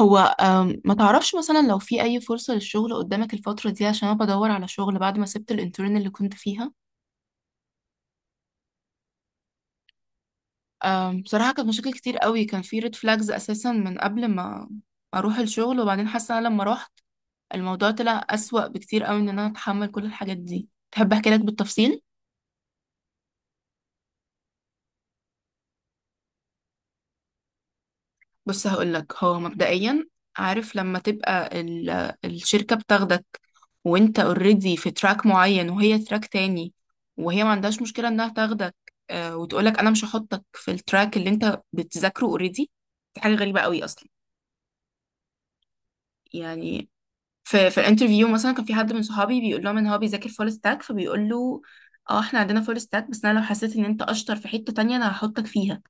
هو ما تعرفش مثلا لو في أي فرصة للشغل قدامك الفترة دي، عشان أنا بدور على شغل بعد ما سبت الانترن اللي كنت فيها. بصراحة كانت مشاكل كتير قوي، كان في ريد فلاجز أساسا من قبل ما أروح الشغل. وبعدين حاسة أنا لما رحت الموضوع طلع أسوأ بكتير قوي إن أنا أتحمل كل الحاجات دي. تحب أحكي لك بالتفصيل؟ بص هقولك، هو مبدئيا عارف لما تبقى الشركة بتاخدك، وانت اوريدي في تراك معين وهي تراك تاني، وهي ما عندهاش مشكلة انها تاخدك. آه، وتقولك انا مش هحطك في التراك اللي انت بتذاكره اوريدي. دي حاجة غريبة قوي اصلا. يعني في الانترفيو مثلا، كان في حد من صحابي بيقول لهم ان هو بيذاكر فول ستاك، فبيقول له اه احنا عندنا فول ستاك، بس انا لو حسيت ان انت اشطر في حتة تانية انا هحطك فيها.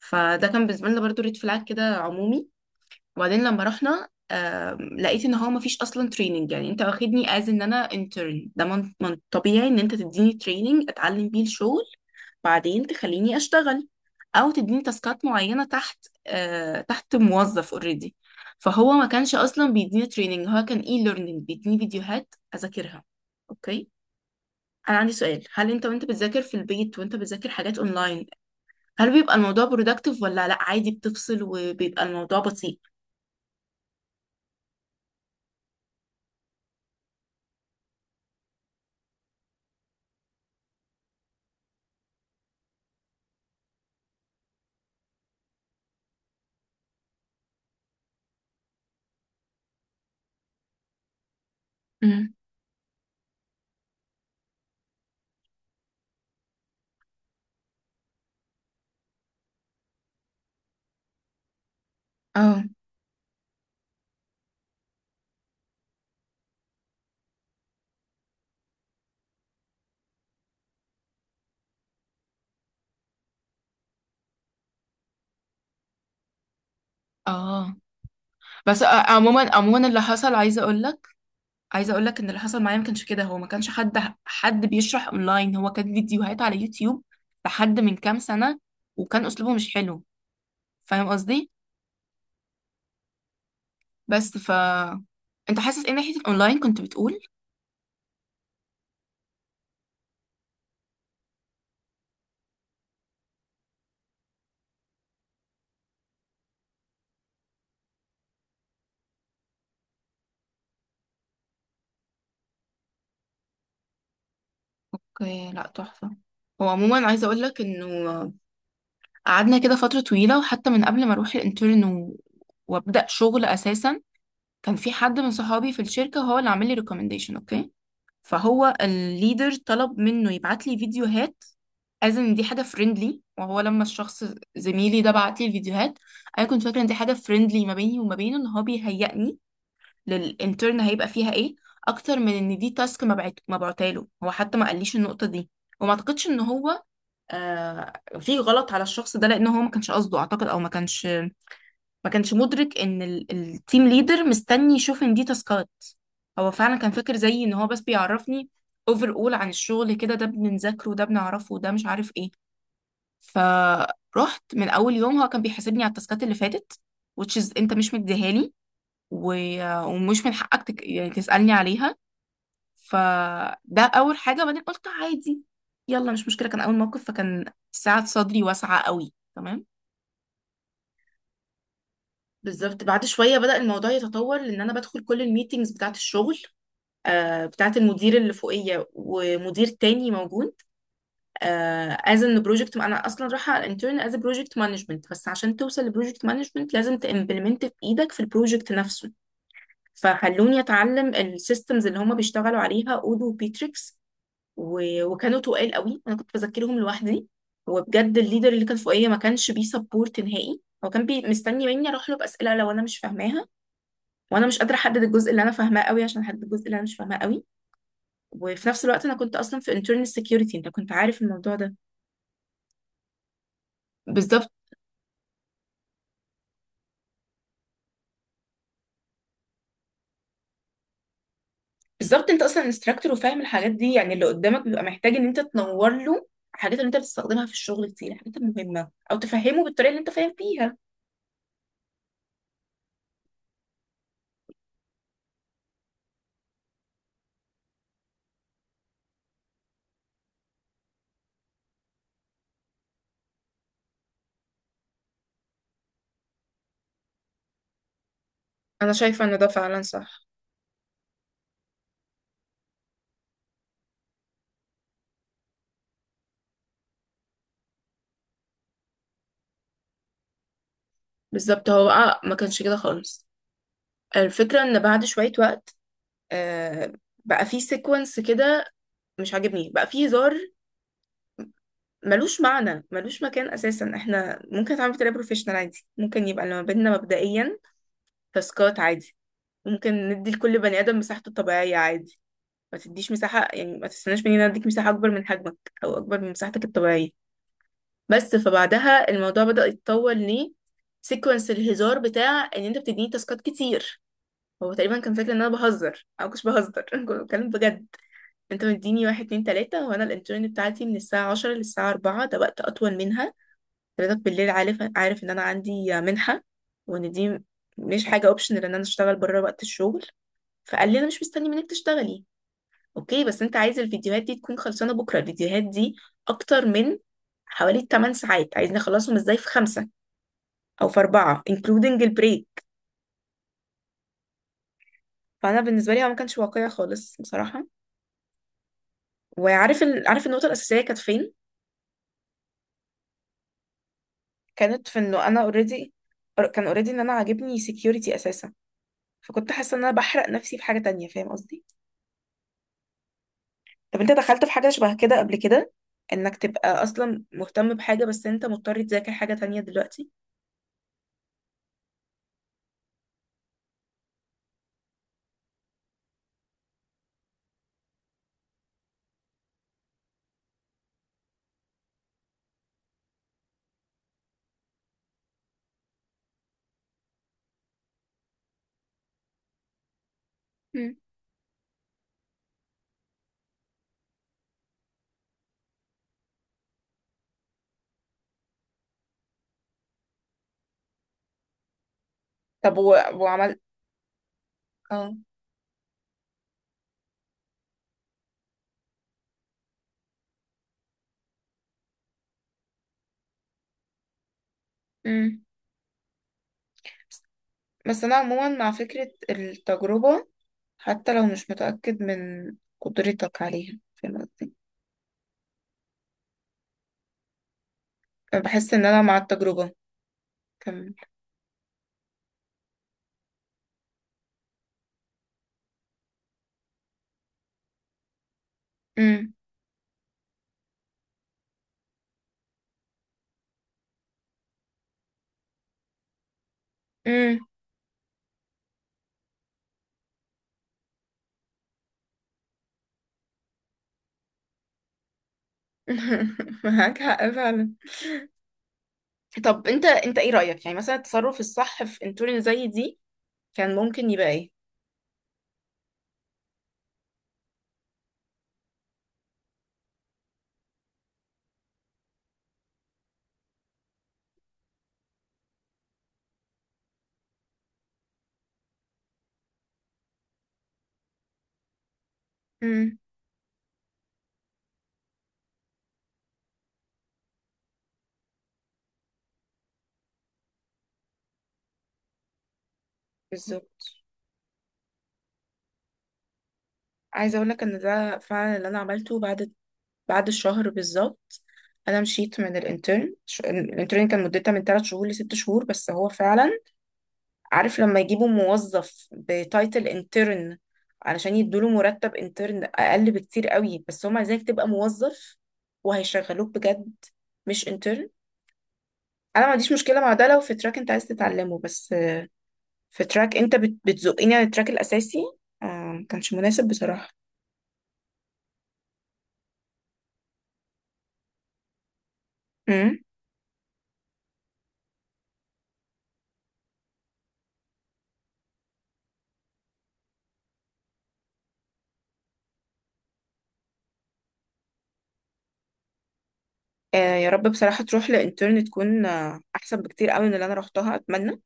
فده كان بالنسبة لنا برضو ريد فلاج كده عمومي. وبعدين لما رحنا لقيت ان هو مفيش اصلا تريننج. يعني انت واخدني از ان انا انترن، ده من طبيعي ان انت تديني تريننج اتعلم بيه الشغل، بعدين تخليني اشتغل، او تديني تاسكات معينه تحت موظف اوريدي. فهو ما كانش اصلا بيديني تريننج، هو كان اي ليرنينج بيديني فيديوهات اذاكرها. اوكي، انا عندي سؤال. هل انت وانت بتذاكر في البيت وانت بتذاكر حاجات اونلاين، هل بيبقى الموضوع برودكتيف ولا لا عادي بتفصل وبيبقى الموضوع بطيء؟ امم، اه، اه. بس آه، عموما اللي حصل عايزه اقول لك، عايزه اقول لك ان اللي حصل معايا ما كانش كده. هو ما كانش حد بيشرح اونلاين، هو كان فيديوهات على يوتيوب لحد من كام سنه، وكان اسلوبه مش حلو. فاهم قصدي؟ بس انت حاسس ايه ناحيه الاونلاين كنت بتقول؟ اوكي، لا تحفه. هو عموما عايزه اقول لك انه قعدنا كده فتره طويله، وحتى من قبل ما اروح الانترن وابدا شغل اساسا، كان في حد من صحابي في الشركه هو اللي عامل لي ريكومنديشن. اوكي، فهو الليدر طلب منه يبعت لي فيديوهات از ان دي حاجه فريندلي. وهو لما الشخص، زميلي ده، بعت لي الفيديوهات، انا كنت فاكره ان دي حاجه فريندلي ما بيني وما بينه، ان هو بيهيئني للانترن، هيبقى فيها ايه، اكتر من ان دي تاسك. ما بعتاله. هو حتى ما قاليش النقطه دي. وما اعتقدش ان هو، آه في غلط على الشخص ده، لان هو ما كانش قصده اعتقد، او ما كانش مدرك ان التيم ليدر مستني يشوف ان دي تاسكات. هو فعلا كان فاكر زيي ان هو بس بيعرفني اوفر اول عن الشغل، كده ده بنذاكره، ده بنعرفه، ده مش عارف ايه. فرحت من اول يوم هو كان بيحاسبني على التاسكات اللي فاتت، which is انت مش مديها لي، و... ومش من حقك يعني تسألني عليها. فده اول حاجة. بعدين قلت عادي، يلا مش مشكلة، كان اول موقف، فكان ساعة صدري واسعة قوي تمام. بالظبط، بعد شويه بدأ الموضوع يتطور، لان انا بدخل كل الميتينجز بتاعه الشغل، بتاعه المدير اللي فوقيه ومدير تاني موجود، از ان بروجكت. انا اصلا رايحه على انترن از بروجكت مانجمنت، بس عشان توصل لبروجكت مانجمنت لازم تمبلمنت في ايدك في البروجكت نفسه. فخلوني اتعلم السيستمز اللي هم بيشتغلوا عليها، اودو وبيتريكس، و- وكانوا تقال قوي، انا كنت بذاكرهم لوحدي. وبجد الليدر اللي كان فوقيه ما كانش بيسبورت نهائي، هو كان بي مستني مني اروح له باسئله لو انا مش فاهماها، وانا مش قادره احدد الجزء اللي انا فاهماه قوي عشان احدد الجزء اللي انا مش فاهماه قوي. وفي نفس الوقت انا كنت اصلا في internal security، انت كنت عارف الموضوع ده. بالظبط. بالظبط، انت اصلا انستراكتور وفاهم الحاجات دي، يعني اللي قدامك بيبقى محتاج ان انت تنور له الحاجات اللي انت بتستخدمها في الشغل، كتير الحاجات المهمه، او تفهمه بالطريقه اللي انت فاهم فيها. انا شايفه ان ده فعلا صح. بالظبط، هو بقى ما كانش كده خالص. الفكره ان بعد شويه وقت، آه بقى في سيكونس كده مش عاجبني، بقى في هزار ملوش معنى ملوش مكان اساسا. احنا ممكن نتعامل بطريقه بروفيشنال عادي، ممكن يبقى اللي ما بيننا مبدئيا تاسكات عادي، ممكن ندي لكل بني ادم مساحته الطبيعيه عادي، ما تديش مساحه. يعني ما تستناش مني ان أنا اديك مساحه اكبر من حجمك، او اكبر من مساحتك الطبيعيه. بس فبعدها الموضوع بدأ يتطور ليه، سيكونس الهزار بتاع ان انت بتديني تاسكات كتير. هو تقريبا كان فاكر ان انا بهزر، او مش بهزر. كنت بتكلم بجد. انت مديني واحد اتنين تلاته، وانا الانترن بتاعتي من الساعه 10 للساعه 4، ده وقت اطول منها. حضرتك بالليل، عارف ان انا عندي منحة، وان دي مش حاجة اوبشنال ان انا اشتغل بره وقت الشغل. فقال لي انا مش مستني منك تشتغلي. اوكي، بس انت عايز الفيديوهات دي تكون خلصانة بكرة. الفيديوهات دي اكتر من حوالي 8 ساعات، عايزني اخلصهم ازاي في خمسة، او في اربعة including البريك؟ فانا بالنسبة لي هو ما كانش واقعي خالص بصراحة. وعارف عارف النقطة الأساسية كانت فين؟ كانت في انه انا اوريدي، كان اوريدي ان انا عاجبني security اساسا، فكنت حاسة ان انا بحرق نفسي في حاجة تانية. فاهم قصدي؟ طب انت دخلت في حاجة شبه كده قبل كده؟ انك تبقى اصلا مهتم بحاجة بس انت مضطر تذاكر حاجة تانية دلوقتي؟ مم. طب وعملت؟ اه. مم. بس انا عموما مع فكرة التجربة، حتى لو مش متأكد من قدرتك عليها. فاهم قصدي؟ بحس ان انا مع التجربة. كم؟ مم. مم. معاك حق فعلا. طب انت ايه رأيك، يعني مثلا التصرف الصح في انتورن زي دي كان ممكن يبقى ايه؟ مم. بالظبط. عايزة أقولك إن ده فعلا اللي أنا عملته بعد، بعد الشهر بالظبط. أنا مشيت من الانترن. الانترن كان مدتها من 3 شهور لست شهور. بس هو فعلا عارف لما يجيبوا موظف بتايتل انترن علشان يدوله مرتب انترن أقل بكتير قوي، بس هم عايزينك تبقى موظف وهيشغلوك بجد، مش انترن. أنا ما عنديش مشكلة مع ده لو في تراك أنت عايز تتعلمه، بس في تراك أنت بتزقني على التراك الأساسي. ما كانش مناسب بصراحة. آه يا رب بصراحة تروح لإنترن تكون أحسن بكتير قوي من اللي أنا روحتها، أتمنى.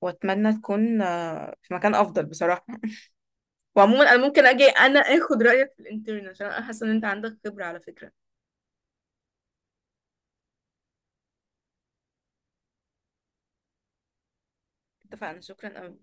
وأتمنى تكون في مكان أفضل بصراحة. وعموما أنا ممكن أجي أنا آخد رأيك في الإنترن، عشان أنا حاسة إن أنت عندك خبرة على فكرة. اتفقنا، شكرا قوي.